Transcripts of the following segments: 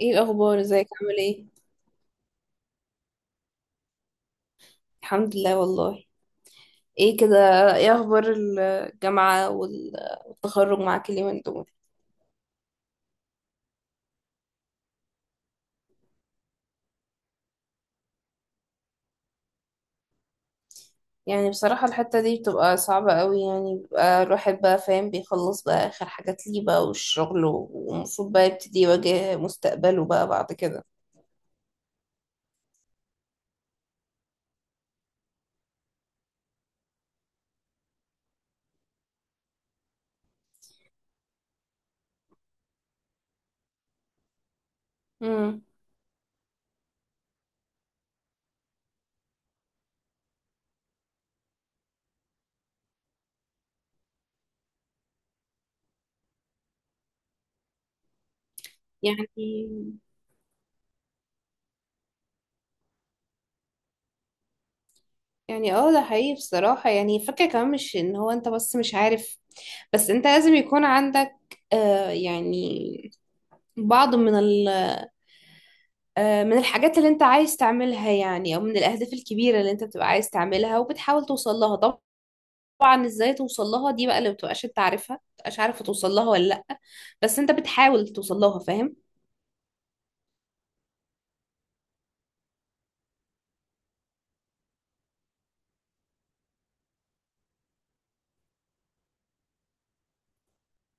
ايه الاخبار، ازيك عامل ايه؟ الحمد لله والله. ايه كده؟ ايه اخبار الجامعة والتخرج معاك اليومين دول؟ يعني بصراحة الحتة دي بتبقى صعبة قوي، يعني بيبقى الواحد بقى فاهم بيخلص بقى اخر حاجات ليه بقى، والشغل والمفروض بقى يبتدي يواجه مستقبله بقى بعد كده. امم يعني يعني اه، ده حقيقي بصراحة، يعني فكرة كمان مش ان هو انت بس مش عارف، بس انت لازم يكون عندك يعني بعض من من الحاجات اللي انت عايز تعملها، يعني، او من الاهداف الكبيره اللي انت بتبقى عايز تعملها وبتحاول توصل لها. طبعا ازاي توصل لها دي بقى اللي بتبقاش انت عارفها، مبتبقاش عارفه توصل لها ولا لا، بس انت بتحاول توصل لها، فاهم؟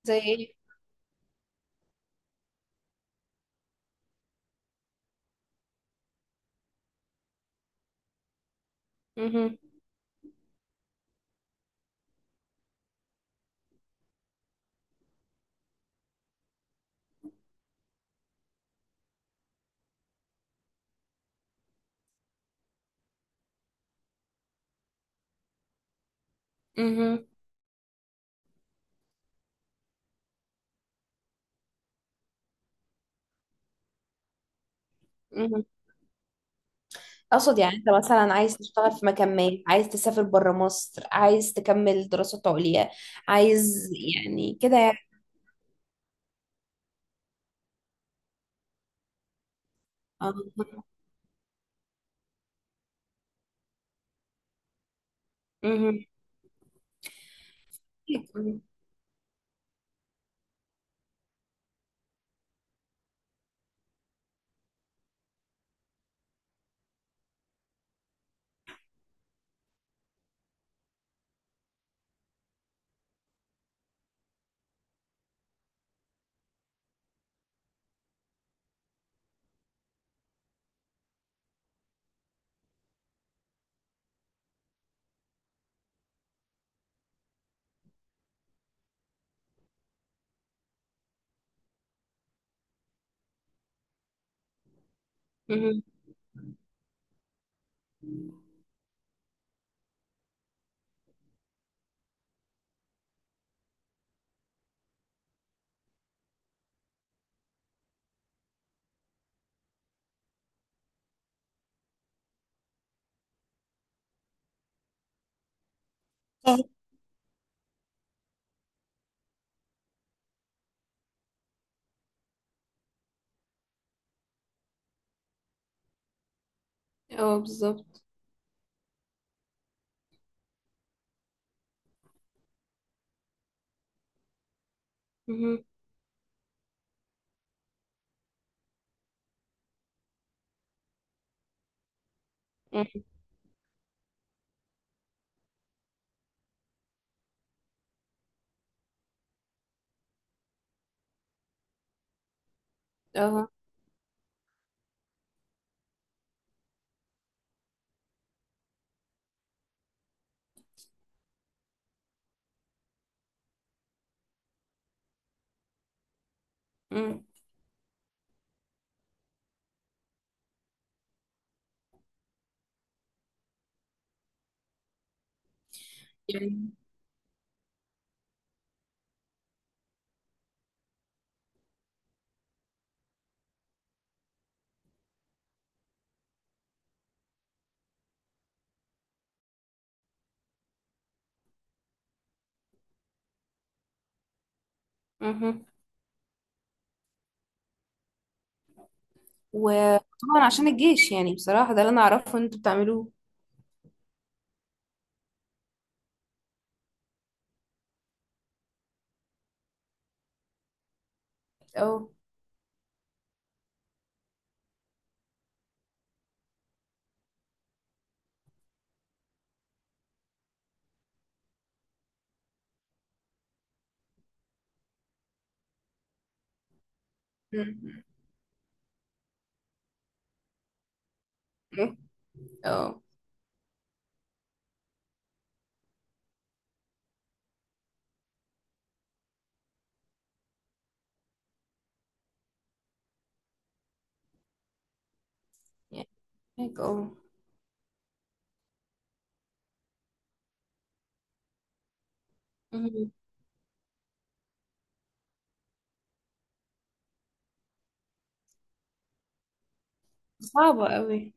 زي ايه؟ مهم. مهم. مهم. اقصد يعني انت مثلا عايز تشتغل في مكان ما، عايز تسافر بره مصر، عايز تكمل دراسات عليا، عايز، يعني كده يعني. اه. مهم. مهم. مهم. اه بالظبط. مهم. مهم. اه. مم. يعني. مهم. وطبعا عشان الجيش، يعني بصراحة ده اللي انا اعرفه ان انتوا بتعملوه. اه. مم. ايه. اه يعني هيك اه. مهم. صعبة قوي.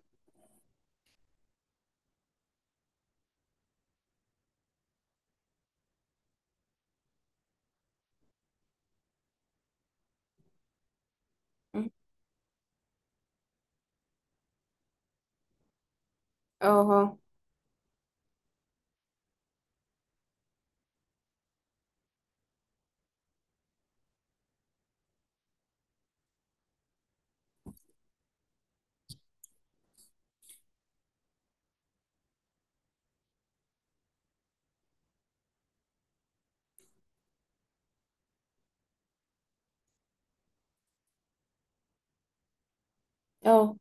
مهم. اه. اه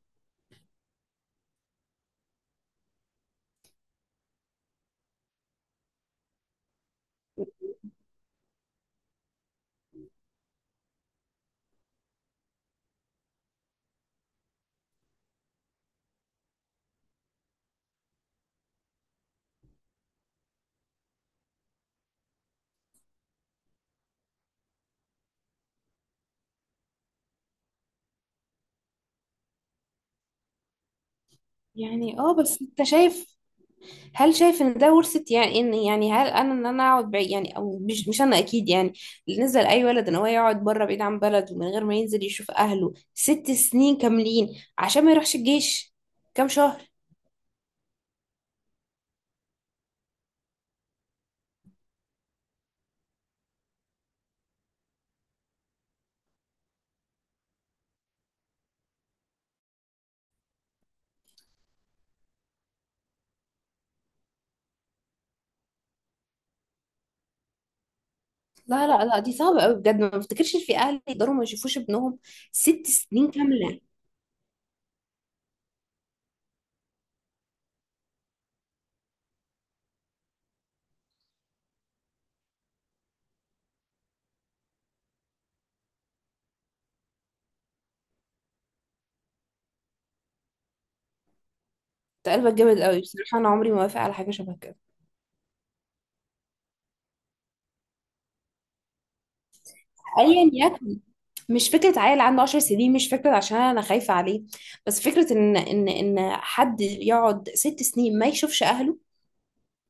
يعني اه، بس انت شايف؟ هل شايف ان ده ورثة؟ يعني ان يعني هل انا ان انا اقعد بعيد، يعني، او مش انا اكيد يعني، اللي نزل اي ولد ان هو يقعد بره بعيد عن بلده من غير ما ينزل يشوف اهله 6 سنين كاملين؟ عشان ما يروحش الجيش كام شهر؟ لا لا لا، دي صعبة قوي بجد، ما بفتكرش إن في أهل يقدروا ما يشوفوش ابنهم 6 سنين كاملة. ده قلبك جامد قوي بصراحة، أنا عمري ما وافق على حاجة شبه كده. أيا يكن، مش فكرة عيل عنده 10 سنين، مش فكرة عشان أنا خايفة عليه، بس فكرة إن حد يقعد 6 سنين ما يشوفش أهله،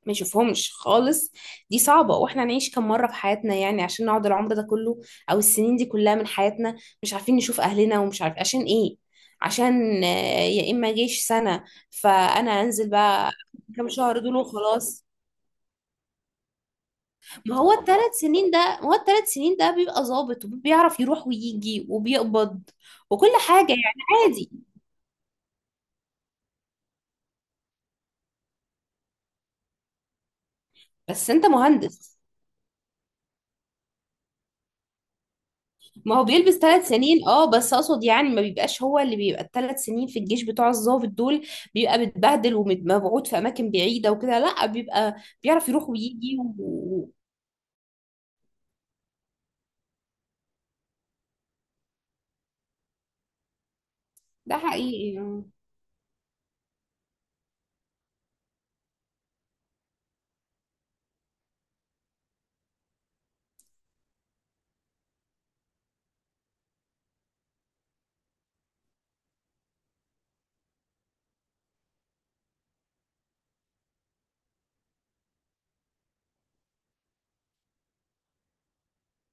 ما يشوفهمش خالص. دي صعبة، واحنا هنعيش كم مرة في حياتنا يعني عشان نقعد العمر ده كله، او السنين دي كلها من حياتنا مش عارفين نشوف اهلنا، ومش عارف عشان ايه، عشان آه، يا اما جيش سنة؟ فانا انزل بقى كام شهر دول وخلاص. ما هو الثلاث سنين ده، ما هو الثلاث سنين ده بيبقى ظابط وبيعرف يروح ويجي وبيقبض وكل حاجة يعني. عادي، بس انت مهندس، ما هو بيلبس 3 سنين. اه، بس اقصد يعني ما بيبقاش هو اللي بيبقى الثلاث سنين في الجيش بتوع الضابط دول، بيبقى متبهدل ومبعوت في اماكن بعيده وكده. لا، بيبقى بيعرف يروح ويجي ده حقيقي آه.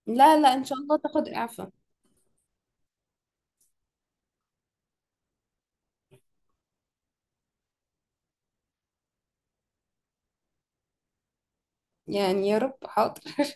لا لا ان شاء الله تاخد اعفاء. يعني يا رب حاضر